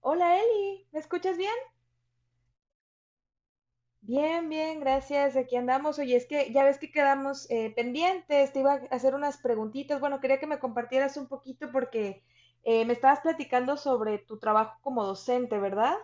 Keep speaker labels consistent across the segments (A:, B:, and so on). A: Hola Eli, ¿me escuchas bien? Bien, bien, gracias. Aquí andamos. Oye, es que ya ves que quedamos pendientes. Te iba a hacer unas preguntitas. Bueno, quería que me compartieras un poquito porque me estabas platicando sobre tu trabajo como docente, ¿verdad?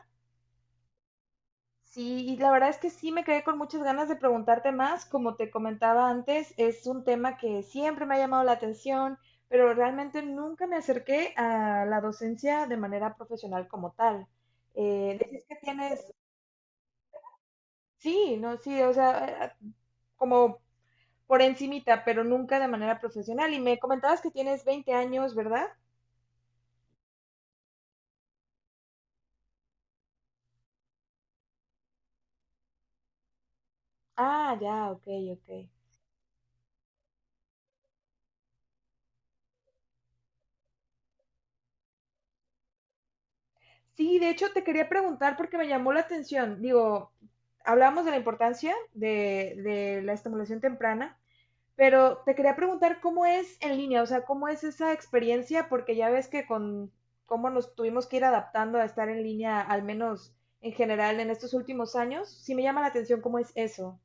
A: Sí, y la verdad es que sí me quedé con muchas ganas de preguntarte más. Como te comentaba antes, es un tema que siempre me ha llamado la atención, pero realmente nunca me acerqué a la docencia de manera profesional como tal. Decías que tienes. Sí, no, sí, o sea, como por encimita, pero nunca de manera profesional. Y me comentabas que tienes 20 años, ¿verdad? Ah, ya, ok, ok. Sí, de hecho te quería preguntar porque me llamó la atención. Digo, hablamos de la importancia de la estimulación temprana, pero te quería preguntar cómo es en línea, o sea, cómo es esa experiencia, porque ya ves que con cómo nos tuvimos que ir adaptando a estar en línea, al menos en general en estos últimos años, sí me llama la atención cómo es eso.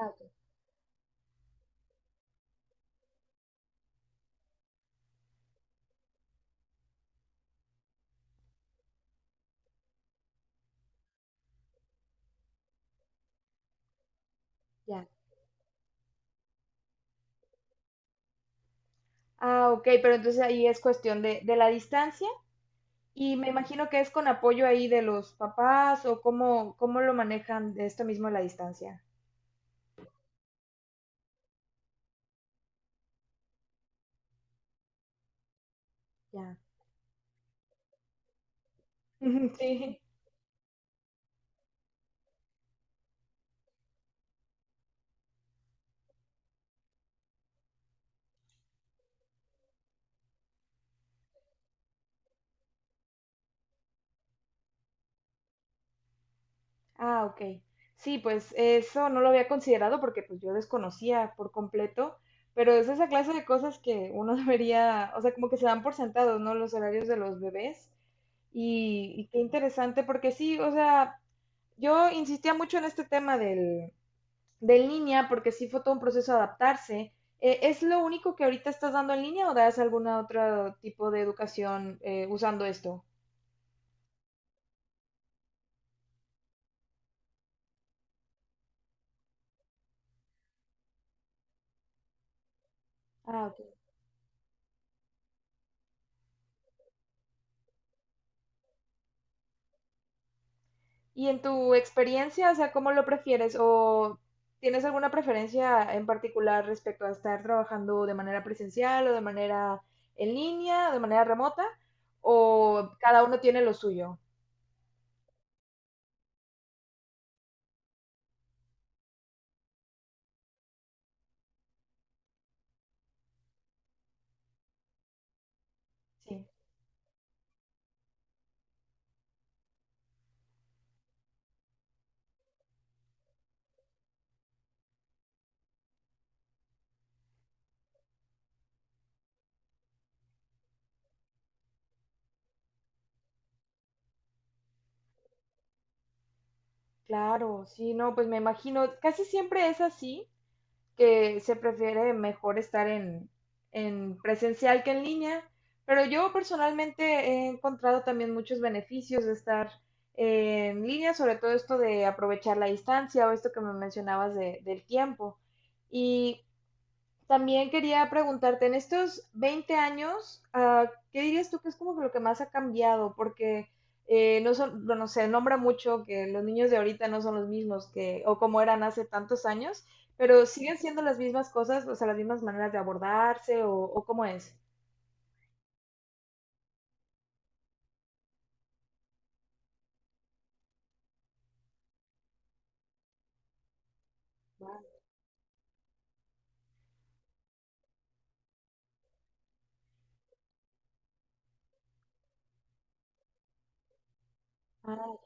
A: Ah, ya. Ah, ok, pero entonces ahí es cuestión de la distancia y me imagino que es con apoyo ahí de los papás o cómo lo manejan de esto mismo de la distancia. Ya. Sí. Ah, ok. Sí, pues eso no lo había considerado porque pues yo desconocía por completo, pero es esa clase de cosas que uno debería, o sea, como que se dan por sentados, ¿no? Los horarios de los bebés. Y qué interesante porque sí, o sea, yo insistía mucho en este tema de en línea, porque sí fue todo un proceso de adaptarse. ¿Es lo único que ahorita estás dando en línea o das algún otro tipo de educación usando esto? Ah, ok. Y en tu experiencia, o sea, ¿cómo lo prefieres? ¿O tienes alguna preferencia en particular respecto a estar trabajando de manera presencial o de manera en línea, o de manera remota? ¿O cada uno tiene lo suyo? Sí, claro, sí, no, pues me imagino, casi siempre es así, que se prefiere mejor estar en presencial que en línea, pero yo personalmente he encontrado también muchos beneficios de estar en línea, sobre todo esto de aprovechar la distancia o esto que me mencionabas del tiempo. Y también quería preguntarte, en estos 20 años, ah, ¿qué dirías tú que es como que lo que más ha cambiado? Porque no son, bueno, se nombra mucho que los niños de ahorita no son los mismos que, o como eran hace tantos años, pero siguen siendo las mismas cosas, o sea, las mismas maneras de abordarse, o cómo es. Ah,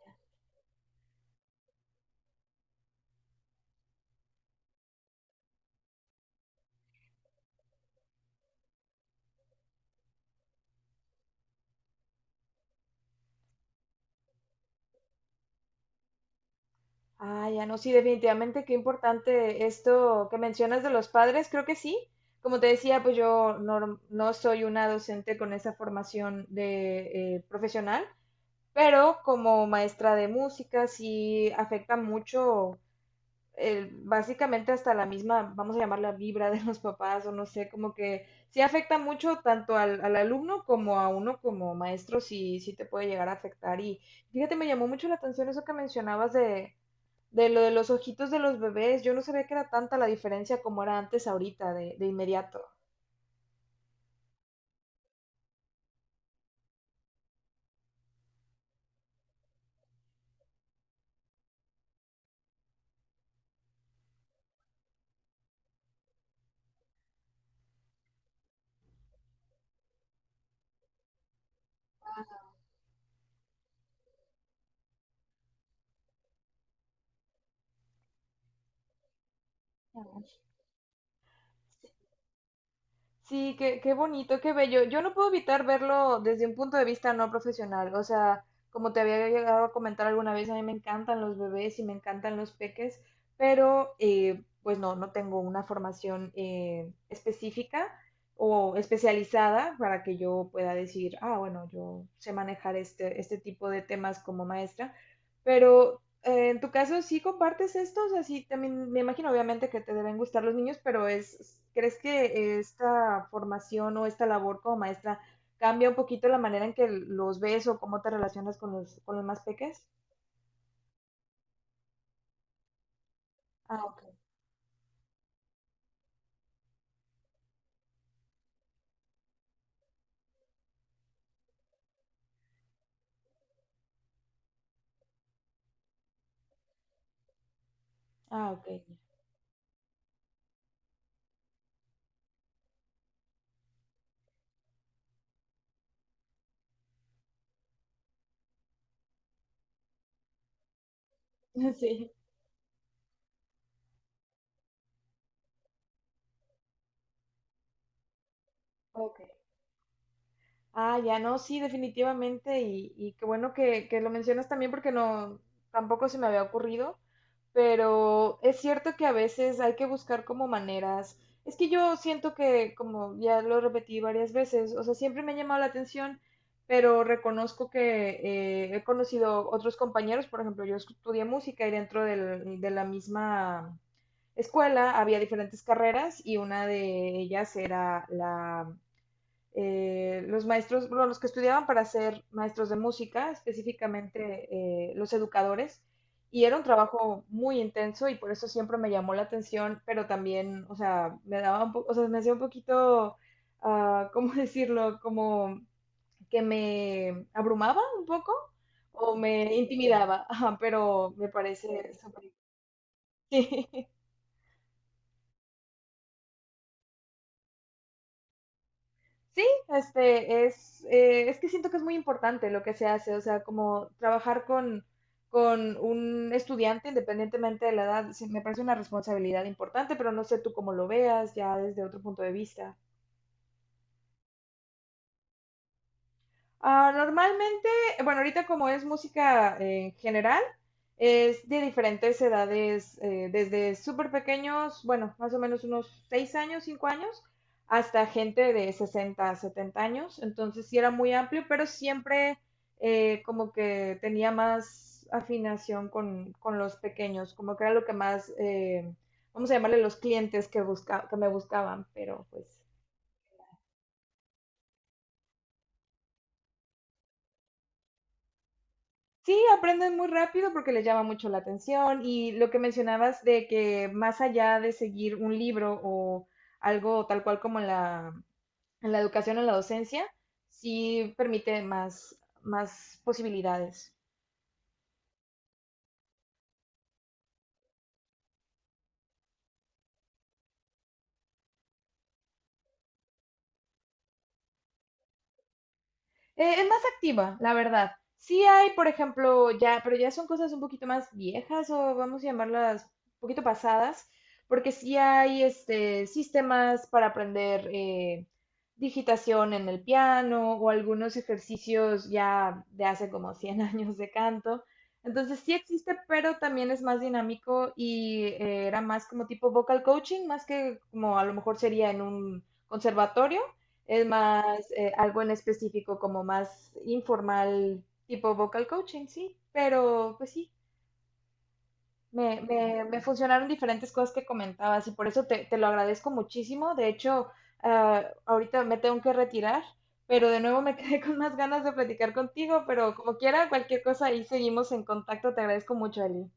A: ah, ya no, sí, definitivamente qué importante esto que mencionas de los padres, creo que sí. Como te decía, pues yo no, no soy una docente con esa formación de profesional. Pero como maestra de música sí afecta mucho, básicamente hasta la misma, vamos a llamarla vibra de los papás o no sé, como que sí afecta mucho tanto al alumno como a uno como maestro, sí, sí te puede llegar a afectar. Y fíjate, me llamó mucho la atención eso que mencionabas de lo de los ojitos de los bebés. Yo no sabía que era tanta la diferencia como era antes ahorita, de inmediato. Sí, qué bonito, qué bello. Yo no puedo evitar verlo desde un punto de vista no profesional. O sea, como te había llegado a comentar alguna vez, a mí me encantan los bebés y me encantan los peques, pero pues no, no tengo una formación específica o especializada para que yo pueda decir, ah, bueno, yo sé manejar este tipo de temas como maestra. Pero en tu caso, ¿sí compartes estos? Así también me imagino, obviamente, que te deben gustar los niños, pero ¿Crees que esta formación o esta labor como maestra cambia un poquito la manera en que los ves o cómo te relacionas con los más peques? Ah, ok. Ah, ok. Sí. Ok. Ah, ya no, sí, definitivamente. Y qué bueno que lo mencionas también porque no, tampoco se me había ocurrido. Pero es cierto que a veces hay que buscar como maneras. Es que yo siento que, como ya lo repetí varias veces, o sea, siempre me ha llamado la atención, pero reconozco que he conocido otros compañeros, por ejemplo, yo estudié música y dentro de la misma escuela había diferentes carreras y una de ellas era la los maestros, bueno, los que estudiaban para ser maestros de música, específicamente los educadores, y era un trabajo muy intenso y por eso siempre me llamó la atención, pero también, o sea, me daba un poco, o sea, me hacía un poquito, ah, ¿cómo decirlo? Como que me abrumaba un poco o me intimidaba, ajá, pero me parece súper... Sí, es que siento que es muy importante lo que se hace, o sea, como trabajar con un estudiante independientemente de la edad, sí, me parece una responsabilidad importante, pero no sé tú cómo lo veas ya desde otro punto de vista. Ah, normalmente, bueno, ahorita como es música en general, es de diferentes edades, desde súper pequeños, bueno, más o menos unos 6 años, 5 años, hasta gente de 60 70 años. Entonces sí era muy amplio, pero siempre como que tenía más afinación con los pequeños, como que era lo que más, vamos a llamarle los clientes que me buscaban, pero pues Sí, aprenden muy rápido porque les llama mucho la atención y lo que mencionabas de que más allá de seguir un libro o algo tal cual como en la educación o en la docencia, sí permite más posibilidades. Es más activa, la verdad. Sí hay, por ejemplo, ya, pero ya son cosas un poquito más viejas o vamos a llamarlas un poquito pasadas, porque sí hay este, sistemas para aprender digitación en el piano o algunos ejercicios ya de hace como 100 años de canto. Entonces sí existe, pero también es más dinámico y era más como tipo vocal coaching, más que como a lo mejor sería en un conservatorio. Es más algo en específico, como más informal, tipo vocal coaching, sí. Pero pues sí, me funcionaron diferentes cosas que comentabas y por eso te lo agradezco muchísimo. De hecho, ah, ahorita me tengo que retirar, pero de nuevo me quedé con más ganas de platicar contigo, pero como quiera, cualquier cosa ahí seguimos en contacto. Te agradezco mucho, Ali.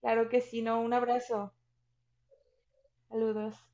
A: Claro que sí, no, un abrazo. Saludos.